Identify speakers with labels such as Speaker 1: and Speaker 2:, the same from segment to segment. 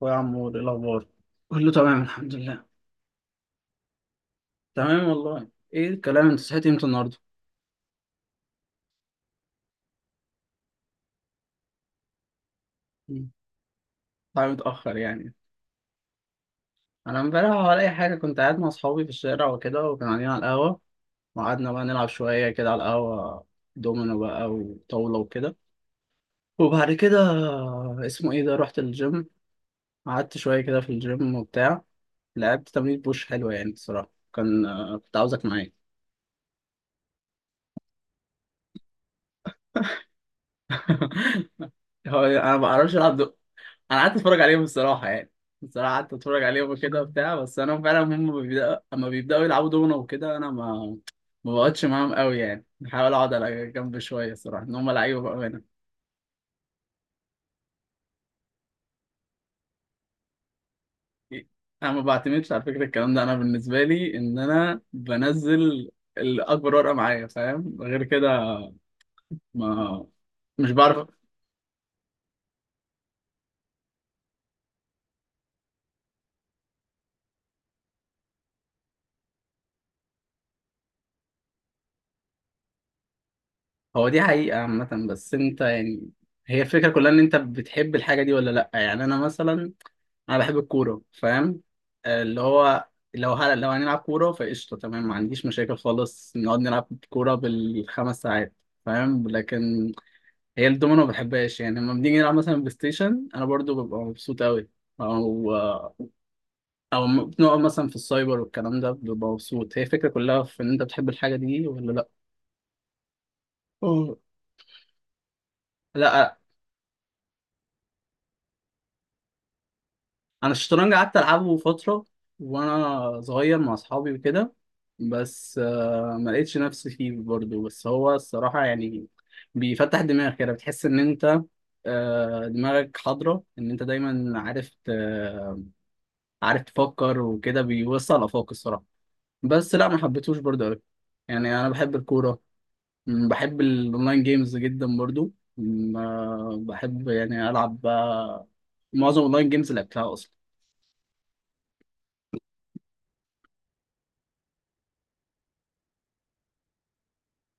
Speaker 1: ويا عمور ايه الاخبار؟ كله تمام الحمد لله. تمام والله. ايه الكلام؟ انت صحيت امتى النهارده؟ مم. طبعا متاخر يعني. انا امبارح ولا اي حاجه كنت قاعد مع اصحابي في الشارع وكده وكانوا قاعدين على القهوه، وقعدنا بقى نلعب شويه كده على القهوه دومينو بقى وطاوله وكده. وبعد كده اسمه ايه ده رحت الجيم. قعدت شويه كده في الجيم وبتاع، لعبت تمرين بوش حلوه يعني الصراحه. كنت عاوزك معايا. هو انا ما بعرفش العب. انا قعدت اتفرج عليهم الصراحه يعني. الصراحه قعدت اتفرج عليهم وكده وبتاع. بس انا فعلا هم اما بيبداوا يلعبوا دومنا وكده انا ما بقعدش معاهم قوي يعني. بحاول اقعد على جنب شويه الصراحه ان هم لعيبه بقى هنا. انا ما بعتمدش على فكره الكلام ده. انا بالنسبه لي ان انا بنزل الاكبر ورقه معايا فاهم غير كده. ما مش بعرف. هو دي حقيقه عامه، بس انت يعني هي الفكره كلها ان انت بتحب الحاجه دي ولا لا. يعني انا مثلا انا بحب الكوره فاهم. اللي هو لو هنلعب كوره فقشطه تمام، ما عنديش مشاكل خالص، نقعد نلعب كوره بالخمس ساعات فاهم. لكن هي الدومينو ما بحبهاش يعني. لما بنيجي نلعب مثلا بلاي ستيشن انا برضو ببقى مبسوط قوي. او بنقعد مثلا في السايبر والكلام ده ببقى مبسوط. هي الفكره كلها في ان انت بتحب الحاجه دي ولا لا. أوه. لا انا الشطرنج قعدت العبه فتره وانا صغير مع اصحابي وكده. بس ما لقيتش نفسي فيه برضه، بس هو الصراحه يعني بيفتح دماغك كده بتحس ان انت دماغك حاضره ان انت دايما عارف تفكر وكده، بيوسع الافاق الصراحه. بس لا ما حبيتهوش برضه قوي يعني. انا بحب الكوره. بحب الاونلاين جيمز جدا برضه. م، آه، بحب يعني العب بقى معظم الاونلاين جيمز اللي لعبتها اصلا.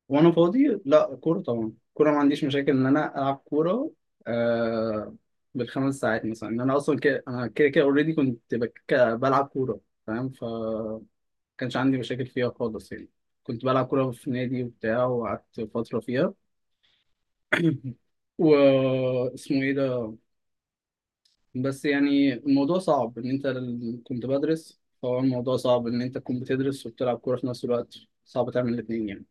Speaker 1: وانا فاضي لا كوره طبعا. كوره ما عنديش مشاكل ان انا العب كوره، آه، بالخمس ساعات مثلا. ان انا اصلا كده انا كده كده اوريدي بلعب كوره فاهم. كانش عندي مشاكل فيها خالص يعني. كنت بلعب كوره في نادي وبتاع وقعدت فتره فيها. و اسمه ايه ده. بس يعني الموضوع صعب ان انت كنت بدرس. فهو الموضوع صعب ان انت تكون بتدرس وبتلعب كوره في نفس الوقت. صعب تعمل الاثنين يعني.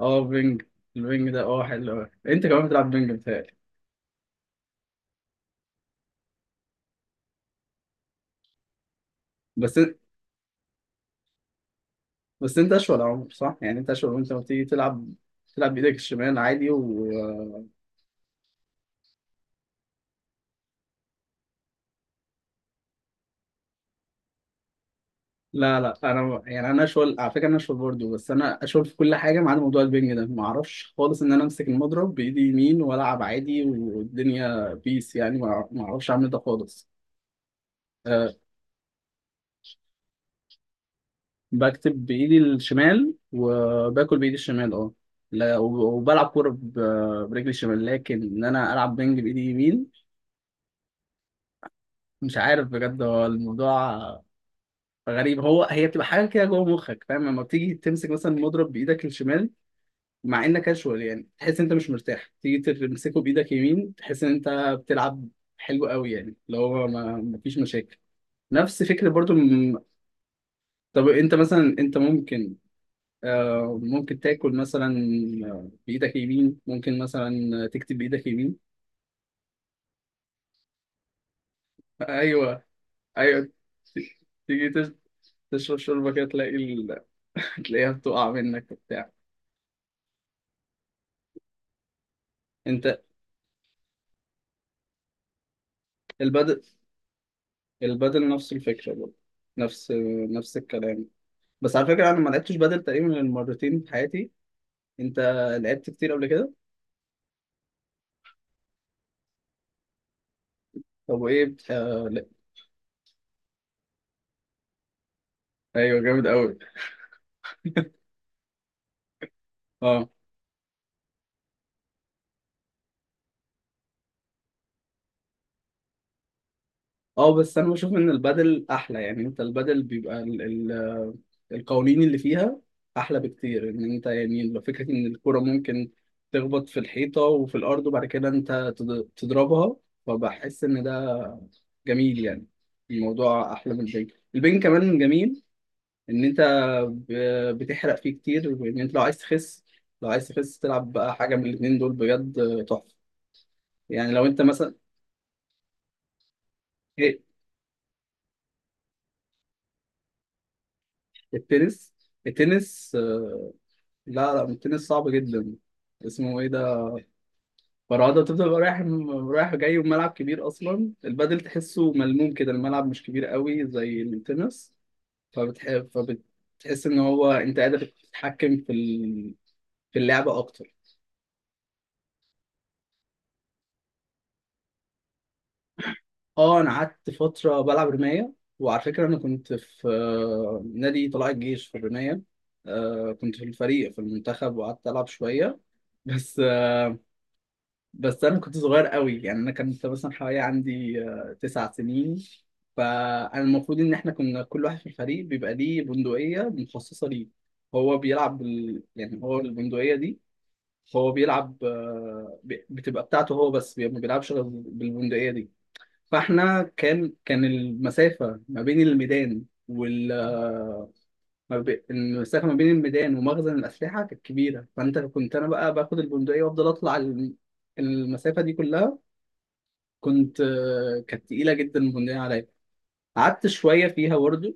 Speaker 1: اه بينج. البينج ده اه حلو أوي. انت كمان بتلعب بينج بتهيألي. بس إن- بس انت اشول عمر صح يعني. انت اشول وانت لما بتيجي تلعب بايدك الشمال عادي و. لا لا انا يعني انا اشول على فكره. انا اشول برضه. بس انا اشول في كل حاجه ما عدا موضوع البينج ده. ما اعرفش خالص ان انا امسك المضرب بايدي يمين والعب عادي والدنيا بيس يعني. ما اعرفش اعمل ده خالص. آه، بكتب بايدي الشمال وباكل بايدي الشمال اه. لا وبلعب كوره برجلي الشمال، لكن ان انا العب بنج بايدي اليمين. مش عارف بجد. هو الموضوع غريب. هو هي بتبقى حاجه كده جوه مخك فاهم. لما بتيجي تمسك مثلا مضرب بايدك الشمال مع انك كاجوال يعني تحس انت مش مرتاح. تيجي تمسكه بايدك يمين تحس ان انت بتلعب حلو قوي يعني، اللي هو ما فيش مشاكل. نفس فكره برضو. طب انت مثلا انت ممكن تاكل مثلا بايدك يمين، ممكن مثلا تكتب بايدك يمين. ايوه ايوه. تيجي تشرب شوربه كده تلاقيها بتقع منك وبتاع. انت البدل البدل نفس الفكره برضه. نفس نفس الكلام. بس على فكره انا ما لعبتش بدل تقريبا غير مرتين في حياتي. انت لعبت كتير قبل كده. طب وايه لا. ايوه جامد قوي. اه اه، بس انا بشوف ان البدل احلى يعني. انت البدل بيبقى القوانين اللي فيها احلى بكتير. ان انت يعني لو فكره ان الكرة ممكن تخبط في الحيطه وفي الارض وبعد كده انت تضربها، فبحس ان ده جميل يعني. الموضوع احلى من البنج. البنج كمان جميل ان انت بتحرق فيه كتير، وان انت لو عايز تخس تلعب بقى حاجه من الاتنين دول بجد تحفه. يعني لو انت مثلا. ايه، التنس. التنس لا لا التنس صعب جدا. اسمه ايه ده فرعدة، بتفضل بقى رايح رايح جاي، وملعب كبير أصلا. البادل تحسه ملموم كده، الملعب مش كبير قوي زي التنس. فبتحس إن هو أنت قادر تتحكم في في اللعبة أكتر. أه أنا قعدت فترة بلعب رماية، وعلى فكرة أنا كنت في نادي طلائع الجيش في الرماية. كنت في الفريق في المنتخب وقعدت ألعب شوية بس. بس انا كنت صغير قوي يعني. انا كنت مثلا حوالي عندي تسع سنين. فانا المفروض ان احنا كنا كل واحد في الفريق بيبقى ليه بندقية مخصصة ليه. هو بيلعب يعني هو البندقية دي هو بيلعب بتبقى بتاعته هو بس. ما بيلعبش غير بالبندقية دي. فاحنا كان المسافة ما بين الميدان وال آه، ما بي- المسافة ما بين الميدان ومخزن الأسلحة كانت كبيرة. فأنت كنت أنا بقى باخد البندقية وأفضل أطلع المسافة دي كلها. كنت آه، كانت تقيلة جدا، مهنية عليا. قعدت شوية فيها برضه.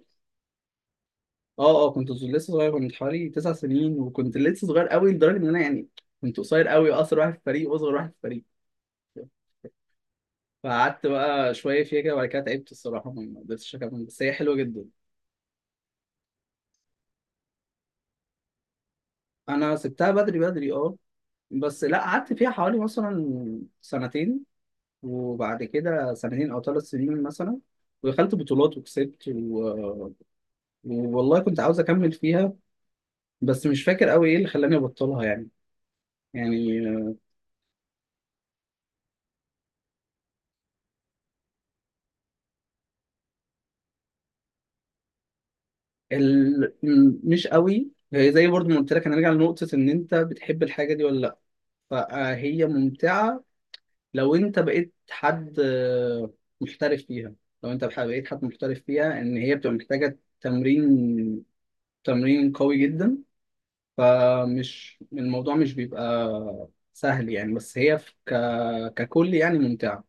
Speaker 1: اه اه كنت لسه صغير. كنت حوالي تسع سنين وكنت لسه صغير قوي لدرجة ان انا يعني كنت قصير قوي، اقصر واحد في الفريق واصغر واحد في الفريق. فقعدت بقى شوية فيها كده وبعد كده تعبت الصراحة. ما قدرتش أكمل، بس هي حلوة جدا. أنا سبتها بدري بدري أه. بس لا قعدت فيها حوالي مثلا سنتين. وبعد كده سنتين أو ثلاث سنين مثلا ودخلت بطولات وكسبت والله كنت عاوز أكمل فيها، بس مش فاكر قوي ايه اللي خلاني ابطلها يعني مش قوي. هي زي برضه ما قلت لك هنرجع لنقطة ان انت بتحب الحاجة دي ولا لا. فهي ممتعة لو انت بقيت حد محترف فيها. لو انت بقيت حد محترف فيها ان هي بتبقى محتاجة تمرين تمرين قوي جدا. الموضوع مش بيبقى سهل يعني. بس هي ككل يعني ممتعة.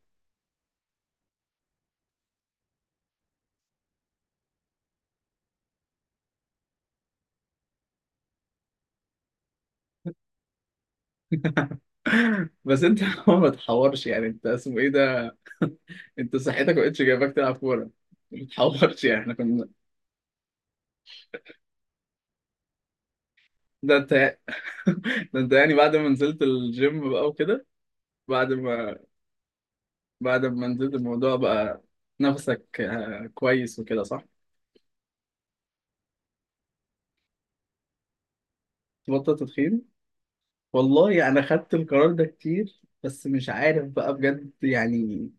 Speaker 1: بس انت ما تحورش يعني. انت اسمه ايه ده انت صحتك ما بقتش جايباك تلعب كوره. ما بتحورش يعني احنا كنا. ده انت ده انت يعني بعد ما نزلت الجيم بقى وكده. بعد ما بعد ما نزلت الموضوع بقى نفسك كويس وكده صح؟ تبطل تدخين؟ والله انا خدت القرار ده كتير بس مش عارف بقى بجد يعني.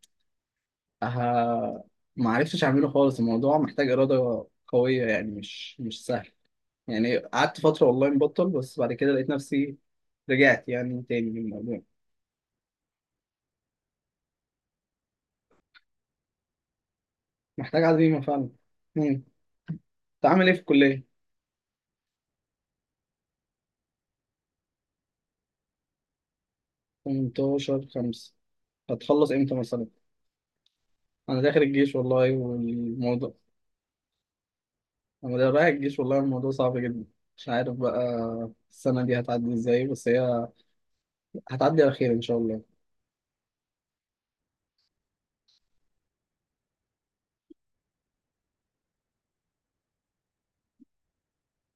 Speaker 1: ها، ما عرفتش اعمله خالص. الموضوع محتاج إرادة قوية يعني مش سهل يعني. قعدت فترة والله مبطل، بس بعد كده لقيت نفسي رجعت يعني تاني للموضوع. محتاج عزيمة فعلا. مم. انت عامل ايه في الكلية؟ 18 5 هتخلص امتى مثلا؟ انا داخل الجيش والله والموضوع. انا ده رايح الجيش والله الموضوع صعب جدا مش عارف بقى. السنة دي هتعدي ازاي؟ بس هي هتعدي على خير ان شاء الله.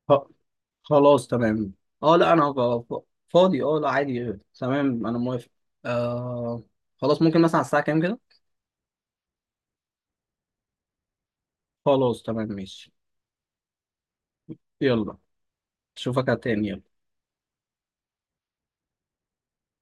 Speaker 1: خ- خلاص تمام. اه لا انا فاضي اه لا عادي. تمام انا موافق. آه خلاص ممكن مثلا على الساعة كام كده؟ خلاص تمام ماشي. يلا اشوفك تاني.